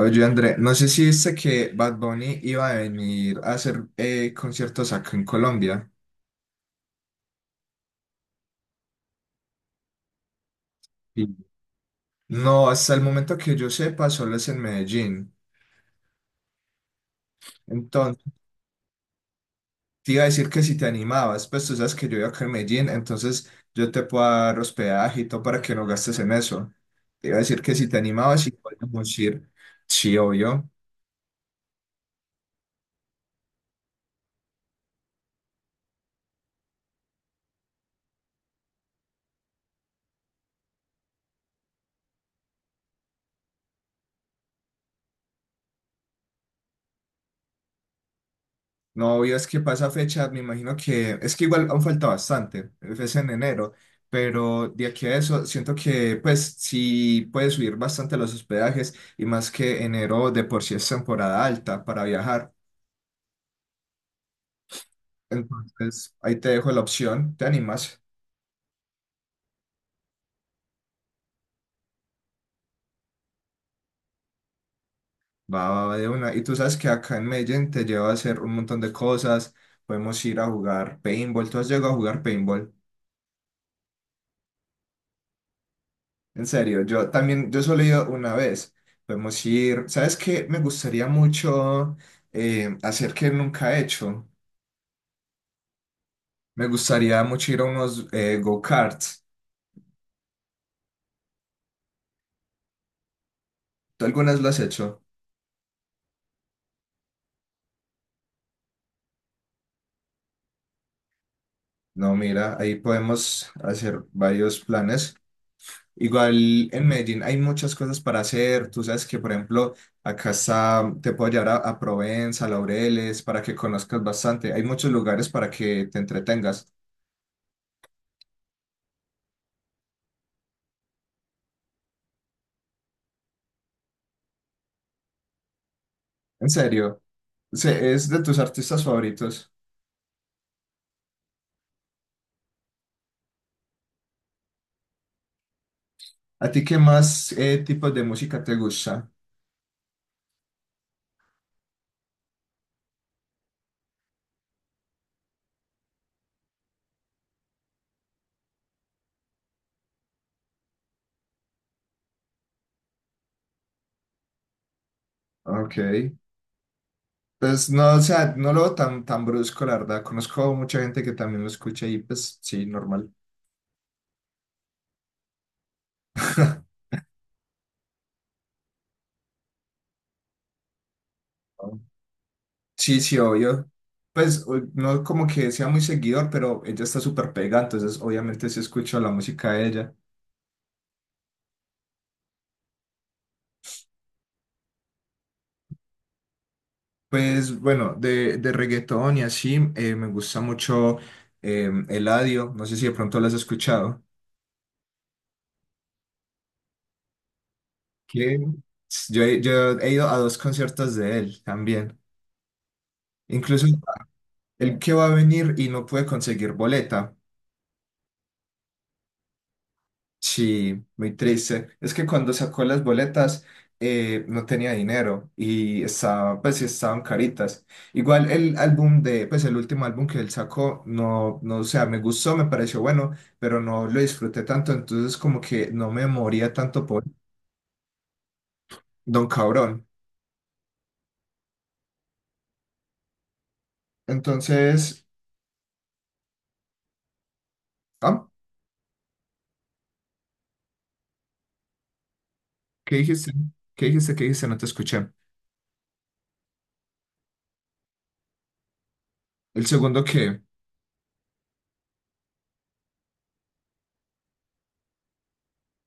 Oye, André, no sé si viste que Bad Bunny iba a venir a hacer conciertos acá en Colombia. Sí. No, hasta el momento que yo sepa, solo es en Medellín. Entonces, te iba a decir que si te animabas, pues tú sabes que yo vivo acá en Medellín, entonces yo te puedo dar hospedaje y todo para que no gastes en eso. Te iba a decir que si te animabas, y podemos ir. Sí, obvio. No, obvio, es que pasa fecha, me imagino que es que igual aún falta bastante, es en enero, pero de aquí a eso siento que pues sí puede subir bastante los hospedajes y más que enero de por sí es temporada alta para viajar. Entonces ahí te dejo la opción, te animas, va, va, va de una. Y tú sabes que acá en Medellín te lleva a hacer un montón de cosas, podemos ir a jugar paintball. ¿Tú has llegado a jugar paintball? En serio, yo también, yo solo he ido una vez. Podemos ir, ¿sabes qué? Me gustaría mucho hacer que nunca he hecho. Me gustaría mucho ir a unos go-karts. ¿Tú algunas lo has hecho? No, mira, ahí podemos hacer varios planes. Igual en Medellín hay muchas cosas para hacer. Tú sabes que, por ejemplo, acá está, te puedo llevar a, Provenza, Laureles, para que conozcas bastante. Hay muchos lugares para que te entretengas. En serio, es de tus artistas favoritos. ¿A ti qué más tipos de música te gusta? Ok. Pues no, o sea, no lo veo tan, tan brusco, la verdad. Conozco mucha gente que también lo escucha y pues sí, normal. Sí, sí, obvio. Pues no como que sea muy seguidor, pero ella está súper pega, entonces obviamente sí escucho la música de ella. Pues bueno, de reggaetón y así, me gusta mucho Eladio, no sé si de pronto lo has escuchado. Que yo he ido a dos conciertos de él también. Incluso el que va a venir y no puede conseguir boleta. Sí, muy triste. Es que cuando sacó las boletas no tenía dinero y estaba, pues sí estaban caritas. Igual el álbum de, pues el último álbum que él sacó, no, no, o sea, me gustó, me pareció bueno, pero no lo disfruté tanto, entonces como que no me moría tanto por Don Cabrón. Entonces, ah, ¿qué dijiste? ¿Qué dijiste? ¿Qué dijiste? No te escuché. El segundo que...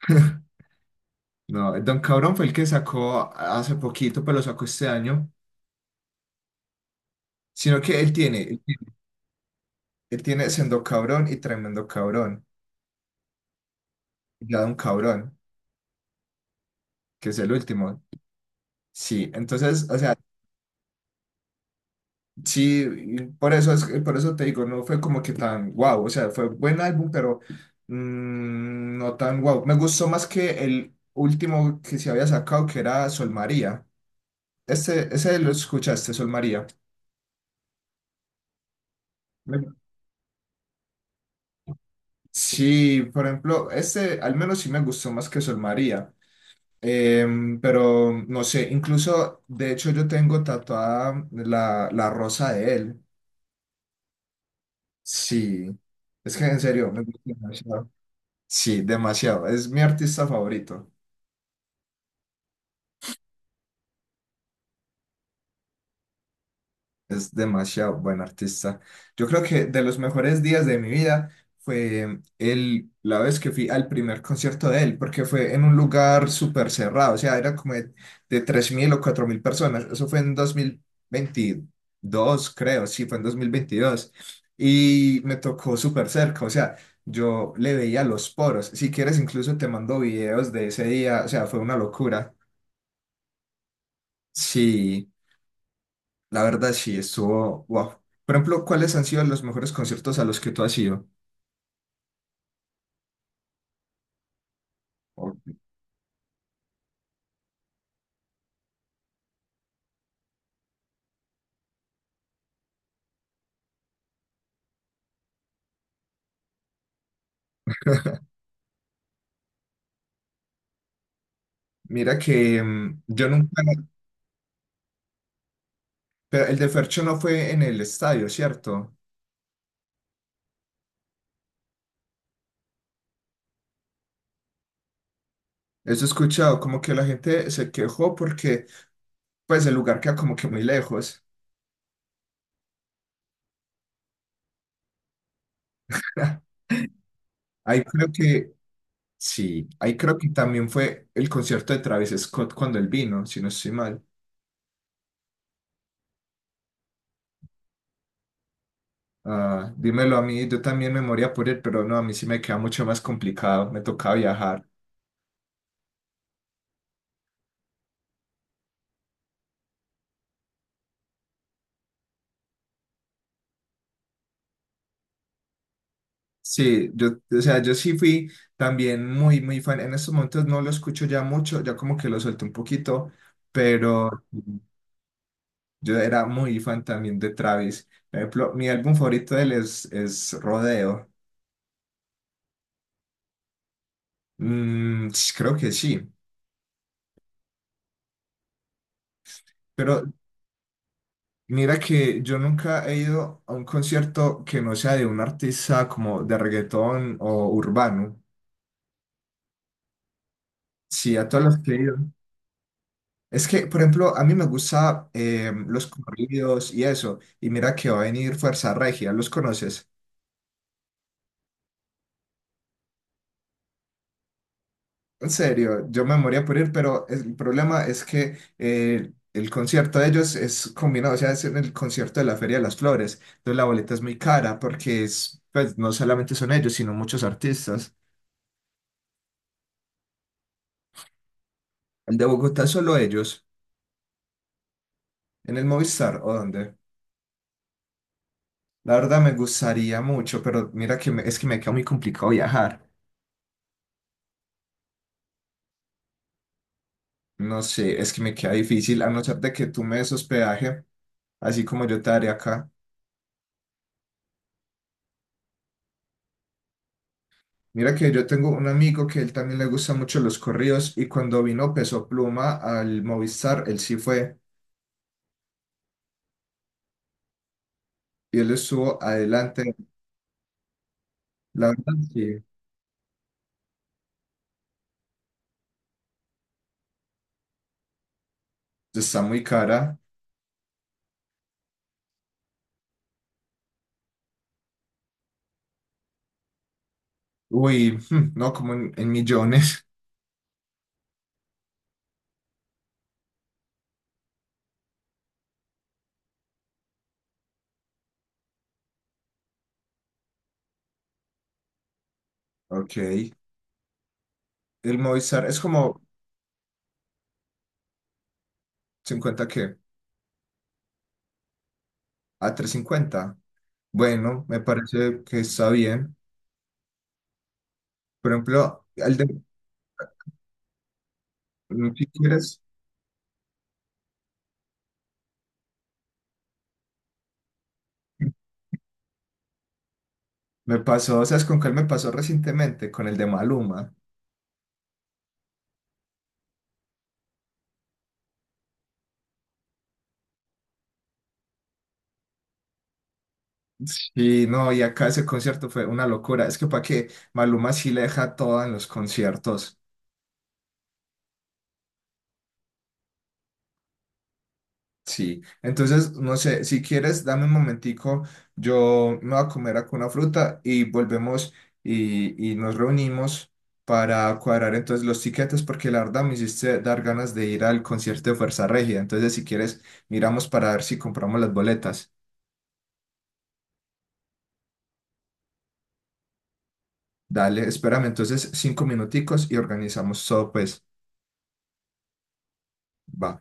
No, Don Cabrón fue el que sacó hace poquito, pero lo sacó este año. Sino que él tiene, él tiene Sendo Cabrón y Tremendo Cabrón. Y Ya Don Cabrón, que es el último. Sí, entonces, o sea, sí, y por eso, es, por eso te digo, no fue como que tan guau. O sea, fue buen álbum, pero no tan guau. Me gustó más que el último que se había sacado, que era Sol María. Este, ese lo escuchaste, Sol María. Sí, por ejemplo, este al menos sí me gustó más que Sol María. Pero no sé, incluso de hecho yo tengo tatuada la, rosa de él. Sí, es que en serio, me gusta demasiado. Sí, demasiado, es mi artista favorito. Es demasiado buen artista. Yo creo que de los mejores días de mi vida fue el, la vez que fui al primer concierto de él, porque fue en un lugar súper cerrado, o sea, era como de 3.000 o 4.000 personas. Eso fue en 2022, creo, sí, fue en 2022. Y me tocó súper cerca, o sea, yo le veía los poros. Si quieres, incluso te mando videos de ese día. O sea, fue una locura. Sí. La verdad sí, estuvo wow. Por ejemplo, ¿cuáles han sido los mejores conciertos a los que tú has ido? O- Mira que yo nunca, pero el de Fercho no fue en el estadio, ¿cierto? Eso he escuchado, como que la gente se quejó porque pues el lugar queda como que muy lejos. Ahí creo que, sí, ahí creo que también fue el concierto de Travis Scott cuando él vino, si no estoy mal. Ah, dímelo a mí, yo también me moría por él, pero no, a mí sí me queda mucho más complicado, me tocaba viajar. Sí, yo, o sea, yo sí fui también muy, muy fan. En estos momentos no lo escucho ya mucho, ya como que lo suelto un poquito, pero yo era muy fan también de Travis. Por ejemplo, mi álbum favorito de él es Rodeo. Mm, sí, creo que sí, pero mira que yo nunca he ido a un concierto que no sea de un artista como de reggaetón o urbano. Sí, a todos los que he ido. Es que, por ejemplo, a mí me gusta los corridos y eso. Y mira que va a venir Fuerza Regia, ¿los conoces? En serio, yo me moría por ir, pero el problema es que el concierto de ellos es combinado, o sea, es en el concierto de la Feria de las Flores. Entonces la boleta es muy cara porque es, pues, no solamente son ellos, sino muchos artistas. El de Bogotá es solo ellos, en el Movistar o dónde. La verdad me gustaría mucho, pero mira que es que me queda muy complicado viajar. No sé, es que me queda difícil, a no ser de que tú me des hospedaje, así como yo te daré acá. Mira que yo tengo un amigo que él también le gustan mucho los corridos y cuando vino Peso Pluma al Movistar, él sí fue y él estuvo adelante. La verdad, sí, está muy cara. Uy, hmm, no, como en, millones. Ok, el Movistar es como 50 que a 350. Bueno, me parece que está bien. Por ejemplo, el de, si quieres. Me pasó, ¿sabes con cuál me pasó recientemente? Con el de Maluma. Sí, no, y acá ese concierto fue una locura. Es que para qué, Maluma sí le deja toda en los conciertos. Sí, entonces, no sé, si quieres, dame un momentico, yo me voy a comer acá una fruta y volvemos y, nos reunimos para cuadrar entonces los tiquetes, porque la verdad me hiciste dar ganas de ir al concierto de Fuerza Regia. Entonces, si quieres, miramos para ver si compramos las boletas. Dale, espérame entonces 5 minuticos y organizamos todo, pues, va.